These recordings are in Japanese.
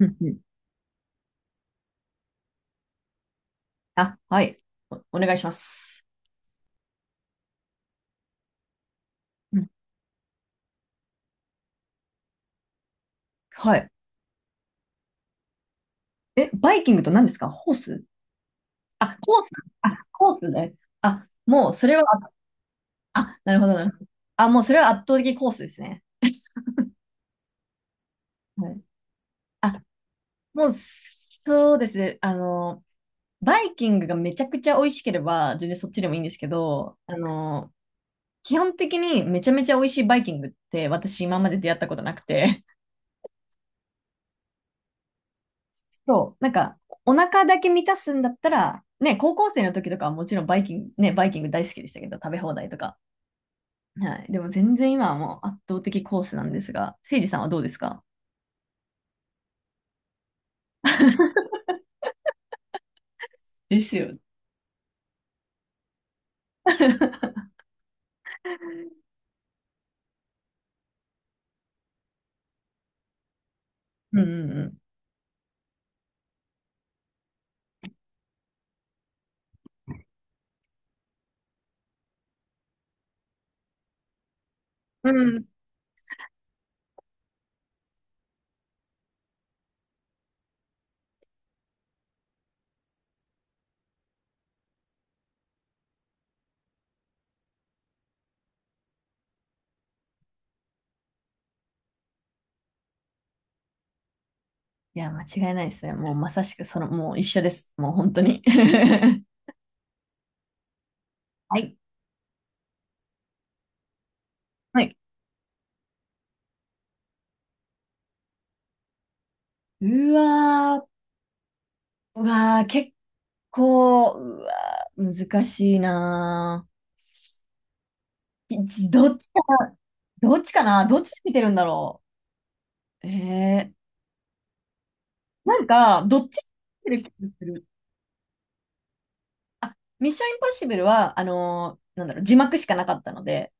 うんうん。あ、はい。お願いします。うん。はい。え、バイキングと何ですか？ホース？あ、コース。あ、コースね。あ、もうそれは、あ、なるほど、なるほど。あ、もうそれは圧倒的コースですね。はい。あ、もうそうですね。あの、バイキングがめちゃくちゃ美味しければ、全然そっちでもいいんですけど、あの、基本的にめちゃめちゃ美味しいバイキングって私今まで出会ったことなくて、そう、なんか、お腹だけ満たすんだったら、ね、高校生の時とかはもちろんバイキング、ね、バイキング大好きでしたけど、食べ放題とか。はい。でも全然今はもう圧倒的コースなんですが、せいじさんはどうですか？ ですよ。うんうんうん。うん。いや、間違いないですね。もうまさしくその、もう一緒です。もう本当に。はい。はい。うわー、うわー、結構、うわー、難しいなー。いどっちか、どっちかなどっち見てるんだろう。なんか、どっちに見てる気がする。あ、ミッションインポッシブルは、なんだろう、字幕しかなかったので、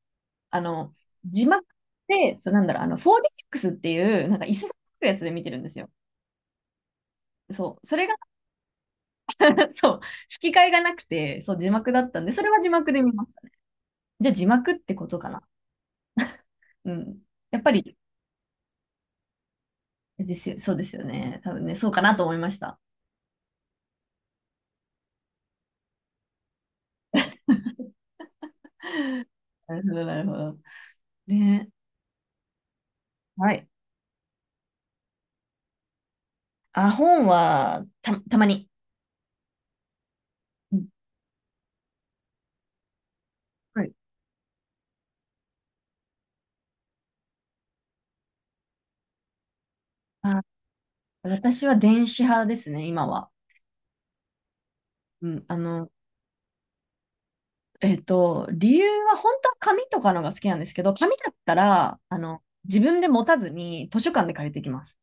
あの、字幕で、そう、なんだろう、あの、4DX っていう、なんか椅子がつくやつで見てるんですよ。そう、それが、そう、吹き替えがなくて、そう、字幕だったんで、それは字幕で見ました。じゃあ字幕ってことかな。うん。やっぱり、ですよ、そうですよね。多分ね、そうかなと思いました。なるほど、なるほど。ね。はい。あ、本はたまに。うん。はい。私は電子派ですね、今は。うん、あの、理由は本当は紙とかのが好きなんですけど、紙だったら、あの、自分で持たずに図書館で借りてきます。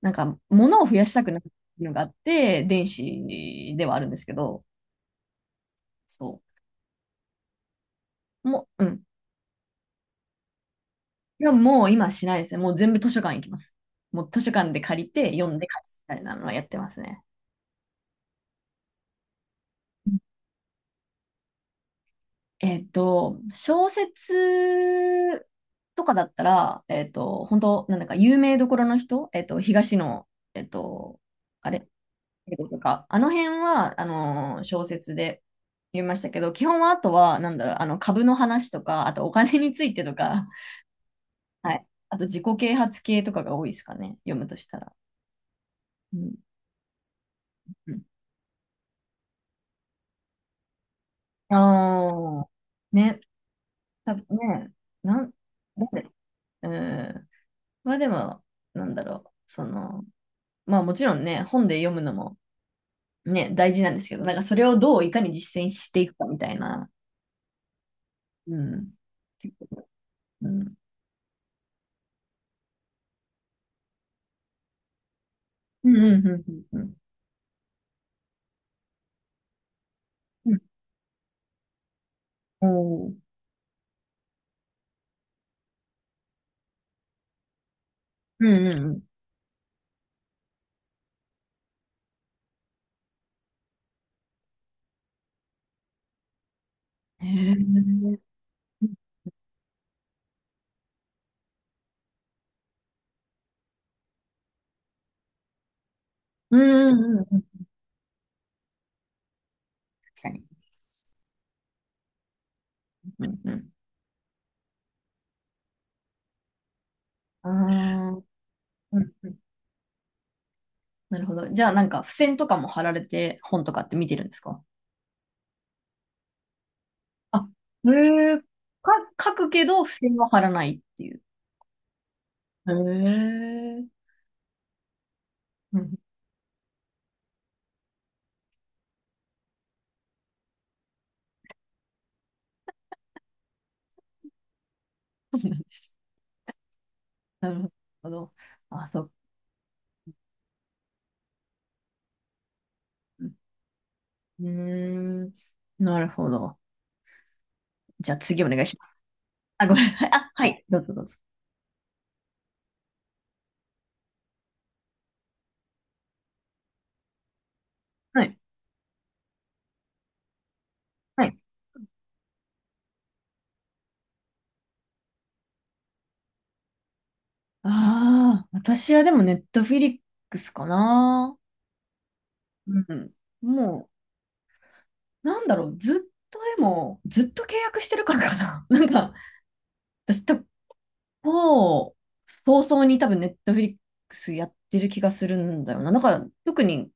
なんか、物を増やしたくないのがあって、電子ではあるんですけど、そう。もう、うん。でももう今はしないですね。もう全部図書館行きます。もう図書館で借りて、読んで返すみたいなのはやってますね。えっと、小説とかだったら、本当なんだか有名どころの人、東野、えっと、あれ、英語とか、あの辺は、あの小説で読みましたけど、基本はあとは、なんだろう、あの、株の話とか、あとお金についてとか、はい。あと自己啓発系とかが多いですかね、読むとしたら。うん。うん。ああ、ね、たね、なん、なんで、うん。まあでも、なんだろう、その、まあもちろんね、本で読むのもね、大事なんですけど、なんかそれをどういかに実践していくかみたいな。うん。うん。うんうんうん。うんうん。うおー。うんうんうん。へえ。うんうんうんうん。確かに。うんうん。ああ。うんうん。なるほど。じゃあなんか付箋とかも貼られて本とかって見てるんですか？あ、へえ。か、書くけど付箋は貼らないっていう。へえ。うん。なるほど。あ、そう。うーん。なるほど。じゃあ次お願いします。あ、ごめんなさい。あ、はい。どうぞどうぞ。はい。はい。ああ、私はでもネットフィリックスかな。うん。もう、なんだろう。ずっとでも、ずっと契約してるからかな。なんか、私と、もう、早々に多分ネットフィリックスやってる気がするんだよな。なんか、特に、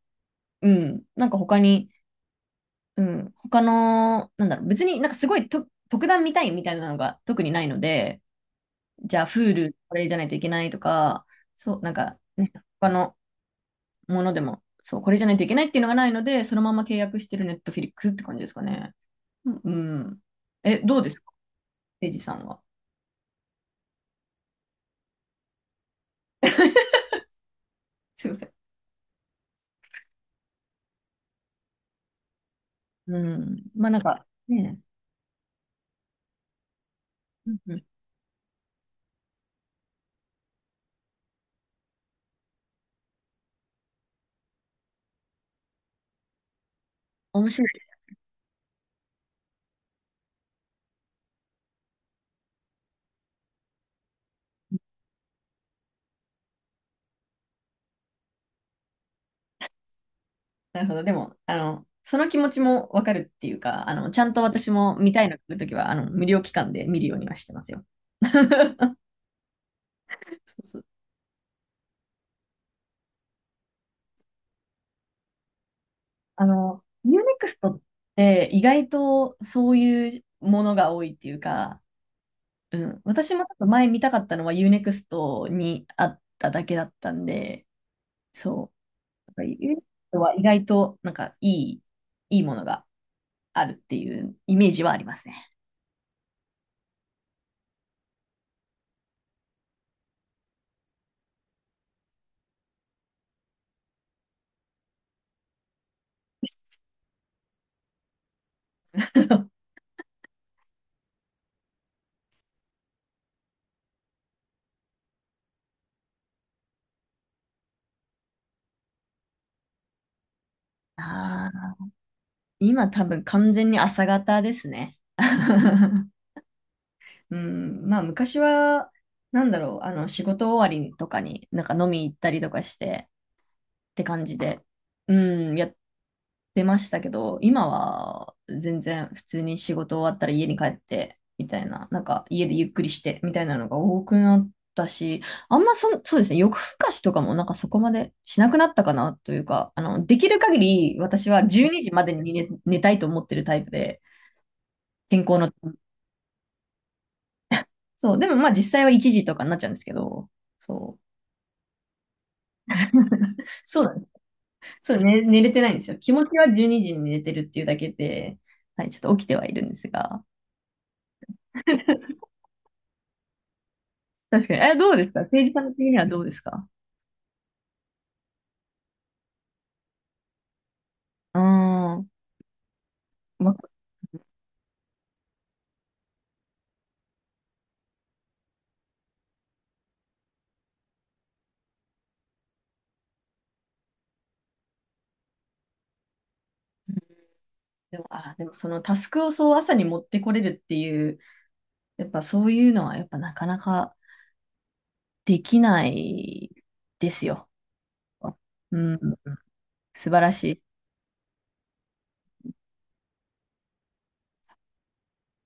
うん。なんか他に、うん。他の、なんだろう。別になんかすごいと特段見たいみたいなのが特にないので、じゃあ、Hulu これじゃないといけないとか、そう、なんか、ね、他のものでも、そう、これじゃないといけないっていうのがないので、そのまま契約してる Netflix って感じですかね。うん。うん。え、どうですかエイジさんは。すいません。うん。まあなんか、ねえ、うんうん、面白いです。なるほど。でも、あの、その気持ちもわかるっていうか、あの、ちゃんと私も見たいの来るときは、あの、無料期間で見るようにはしてますよ。そう。そう。あの、ユーネクストって意外とそういうものが多いっていうか、うん、私もちょっと前見たかったのはユーネクストにあっただけだったんで、そう。なんかユーネクストは意外となんかいい、いいものがあるっていうイメージはありますね。ああ、今多分完全に朝方ですね。うん、まあ昔は、なんだろう、あの仕事終わりとかになんか飲み行ったりとかして、て感じで、うん、やってましたけど、今は全然普通に仕事終わったら家に帰ってみたいな、なんか家でゆっくりしてみたいなのが多くなったし、あんまそん、そうですね、夜更かしとかもなんかそこまでしなくなったかなというか、あの、できる限り私は12時までに寝たいと思ってるタイプで、健康の。そう、でもまあ実際は1時とかになっちゃうんですけど、そう。そうなんです。そう、ね、寝れてないんですよ。気持ちは12時にじに寝れてるっていうだけで、はい、ちょっと起きてはいるんですが。確かに。え、どうですか政治家の的にはどうですか？うーん。までも、あ、でもそのタスクをそう朝に持ってこれるっていう、やっぱそういうのはやっぱなかなかできないですよ。うん、素晴らしい。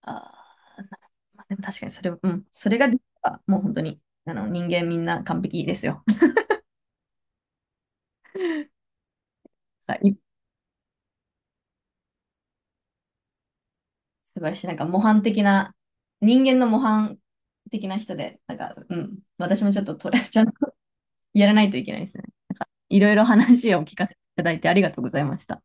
あー、まあでも確かにそれ、うん、それができればもう本当にあの人間みんな完璧ですよ。はい。素晴らしい。なんか模範的な、人間の模範的な人で、なんか、うん、私もちょっとトレ ちゃんとやらないといけないですね。いろいろ話を聞かせていただいてありがとうございました。